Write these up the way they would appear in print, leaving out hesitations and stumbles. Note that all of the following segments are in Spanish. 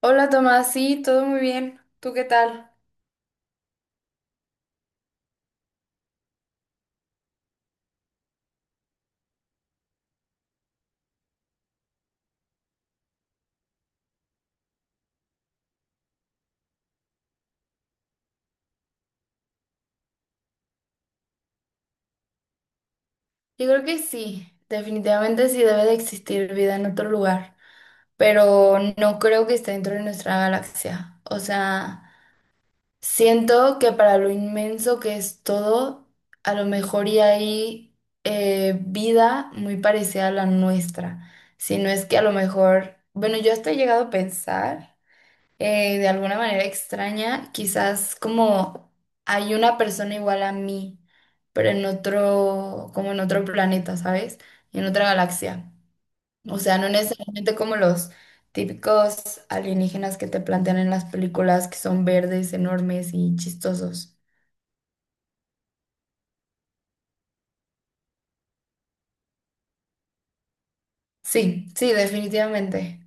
Hola Tomás, sí, todo muy bien. ¿Tú qué tal? Yo creo que sí, definitivamente sí debe de existir vida en otro lugar, pero no creo que esté dentro de nuestra galaxia. O sea, siento que para lo inmenso que es todo, a lo mejor y hay vida muy parecida a la nuestra. Si no es que a lo mejor, bueno, yo hasta he llegado a pensar. De alguna manera extraña, quizás como hay una persona igual a mí, pero en otro, como en otro planeta, ¿sabes? En otra galaxia. O sea, no necesariamente como los típicos alienígenas que te plantean en las películas, que son verdes, enormes y chistosos. Sí, sí, definitivamente.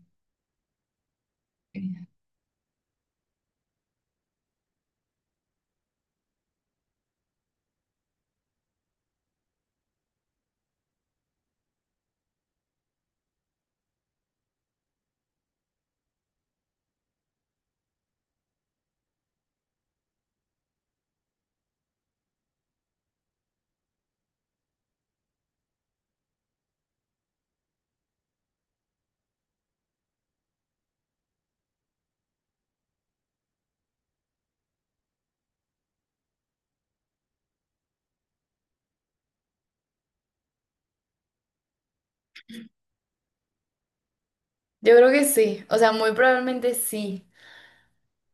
Yo creo que sí, o sea, muy probablemente sí,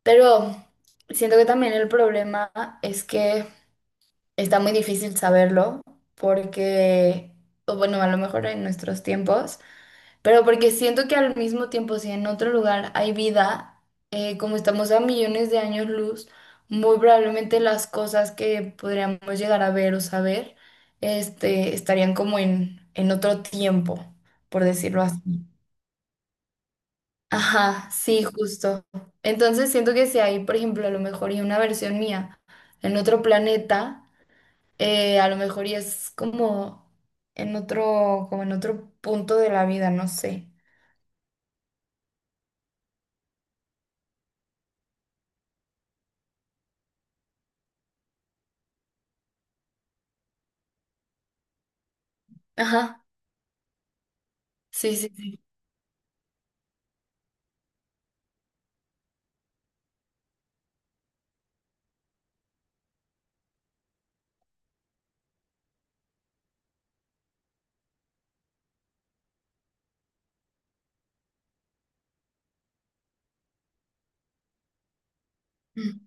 pero siento que también el problema es que está muy difícil saberlo porque, o bueno, a lo mejor en nuestros tiempos, pero porque siento que al mismo tiempo, si en otro lugar hay vida, como estamos a millones de años luz, muy probablemente las cosas que podríamos llegar a ver o saber, este, estarían como en otro tiempo, por decirlo así. Ajá, sí, justo. Entonces siento que si hay, por ejemplo, a lo mejor y una versión mía en otro planeta a lo mejor y es como en otro punto de la vida, no sé. Ajá, sí, sí, sí. Mm.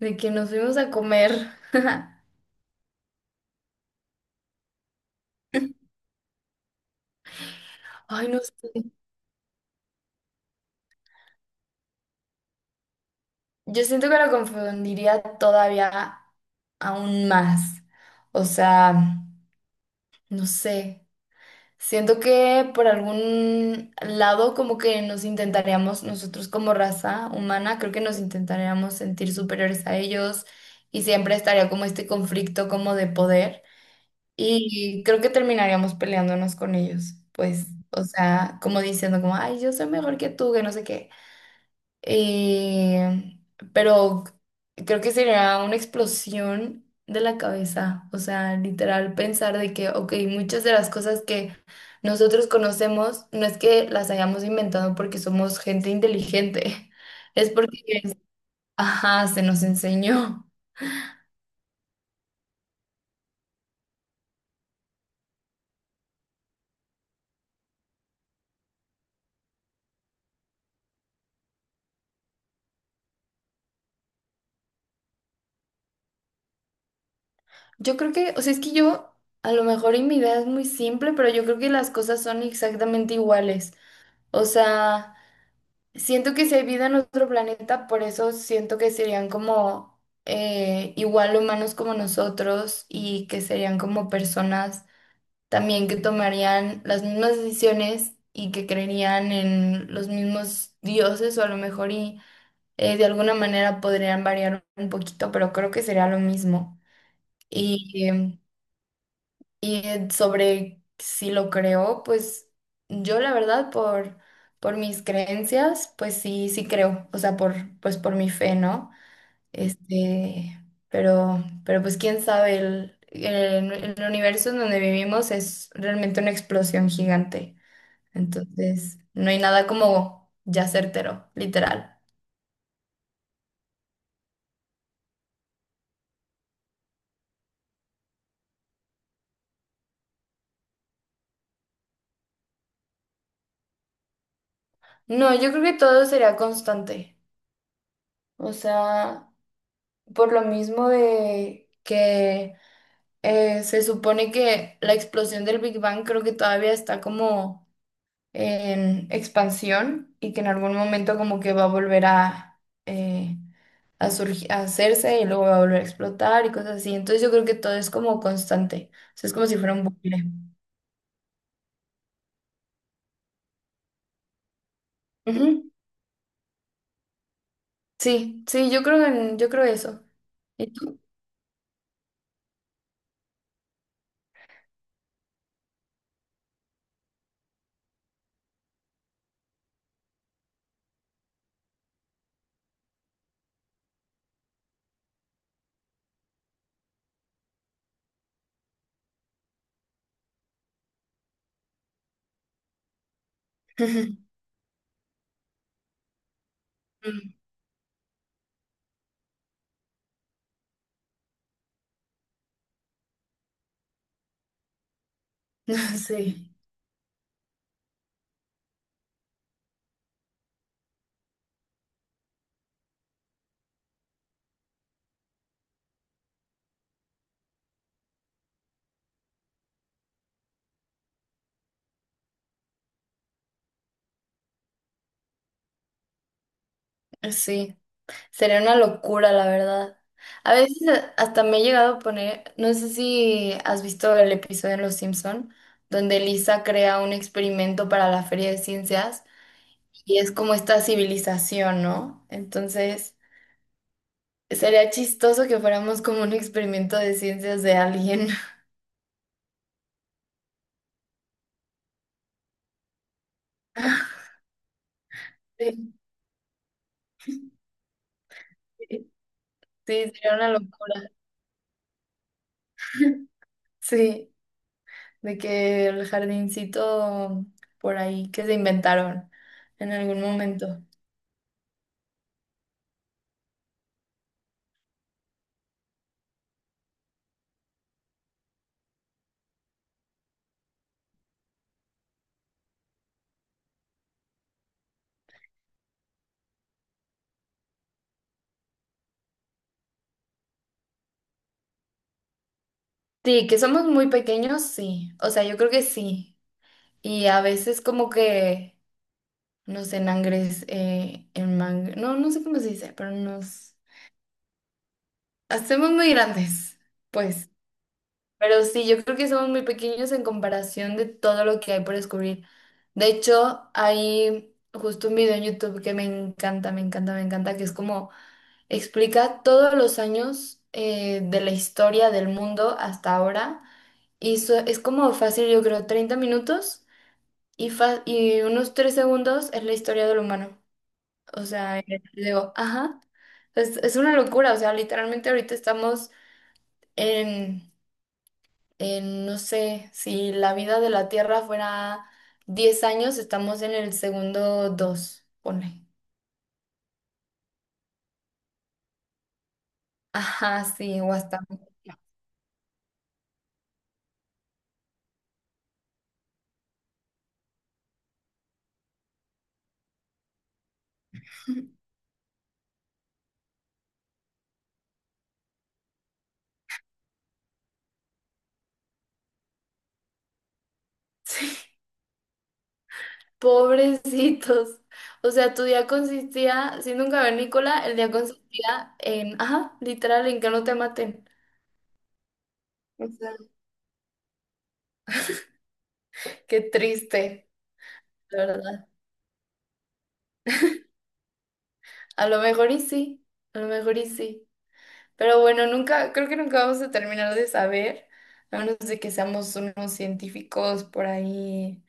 De que nos fuimos a comer. Ay, no sé. Yo siento que lo confundiría todavía aún más. O sea, no sé. Siento que por algún lado como que nos intentaríamos, nosotros como raza humana, creo que nos intentaríamos sentir superiores a ellos y siempre estaría como este conflicto como de poder y creo que terminaríamos peleándonos con ellos, pues, o sea, como diciendo como, ay, yo soy mejor que tú, que no sé qué. Eh, pero creo que sería una explosión de la cabeza, o sea, literal pensar de que, ok, muchas de las cosas que nosotros conocemos no es que las hayamos inventado porque somos gente inteligente, es porque, ajá, se nos enseñó. Yo creo que, o sea, es que yo, a lo mejor y mi idea es muy simple, pero yo creo que las cosas son exactamente iguales, o sea... Siento que si hay vida en otro planeta, por eso siento que serían como igual humanos como nosotros y que serían como personas también que tomarían las mismas decisiones y que creerían en los mismos dioses o a lo mejor y de alguna manera podrían variar un poquito, pero creo que sería lo mismo. Y em, sobre si lo creo, pues yo la verdad por mis creencias, pues sí, sí creo, o sea, por, pues por mi fe, ¿no? Este, pero pues quién sabe, el universo en donde vivimos es realmente una explosión gigante, entonces no hay nada como ya certero, literal. No, yo creo que todo sería constante, o sea, por lo mismo de que... se supone que la explosión del Big Bang creo que todavía está como en expansión y que en algún momento como que va a volver eh, a surgi- a hacerse y luego va a volver a explotar y cosas así. Entonces yo creo que todo es como constante. O sea, es como si fuera un bucle. Ujú. Sí, sí, yo creo en, yo creo eso. ¿Y tú? Mm. Sí, sí. Sería una locura, la verdad. A veces a- hasta me he llegado a poner, no sé si has visto el episodio en Los Simpson, donde Lisa crea un experimento para la Feria de Ciencias y es como esta civilización, ¿no? Entonces, sería chistoso que fuéramos como un experimento de ciencias de alguien. Sí, sí, sería una locura. Sí, de que el jardincito por ahí que se inventaron en algún momento. Sí, que somos muy pequeños, sí. O sea, yo creo que sí. Y a veces como que nos enangres, en no, no sé cómo se dice, pero nos hacemos muy grandes, pues. Pero sí, yo creo que somos muy pequeños en comparación de todo lo que hay por descubrir. De hecho, hay justo un video en YouTube que me encanta, me encanta, me encanta, que es como explica todos los años de la historia del mundo hasta ahora. Y so- es como fácil, yo creo, 30 minutos y, fa- y unos 3 segundos es la historia del humano. O sea, digo, ajá, es una locura. O sea, literalmente ahorita estamos en, en, no sé, si la vida de la Tierra fuera 10 años, estamos en el segundo 2 pone. Ajá, sí, o hasta. Sí. Pobrecitos. O sea, tu día consistía, siendo un cavernícola, el día consistía en, ajá, literal, en que no te maten. O sea, qué triste, la verdad. A lo mejor y sí, a lo mejor y sí. Pero bueno, nunca, creo que nunca vamos a terminar de saber, a menos de que seamos unos científicos por ahí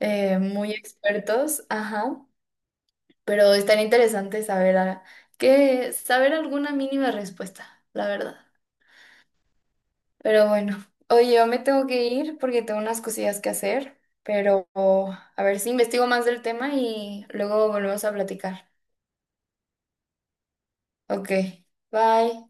muy expertos, ajá. Pero estaría interesante saber a- que saber alguna mínima respuesta, la verdad. Pero bueno, oye, yo me tengo que ir porque tengo unas cosillas que hacer, pero a ver si investigo más del tema y luego volvemos a platicar. Ok, bye.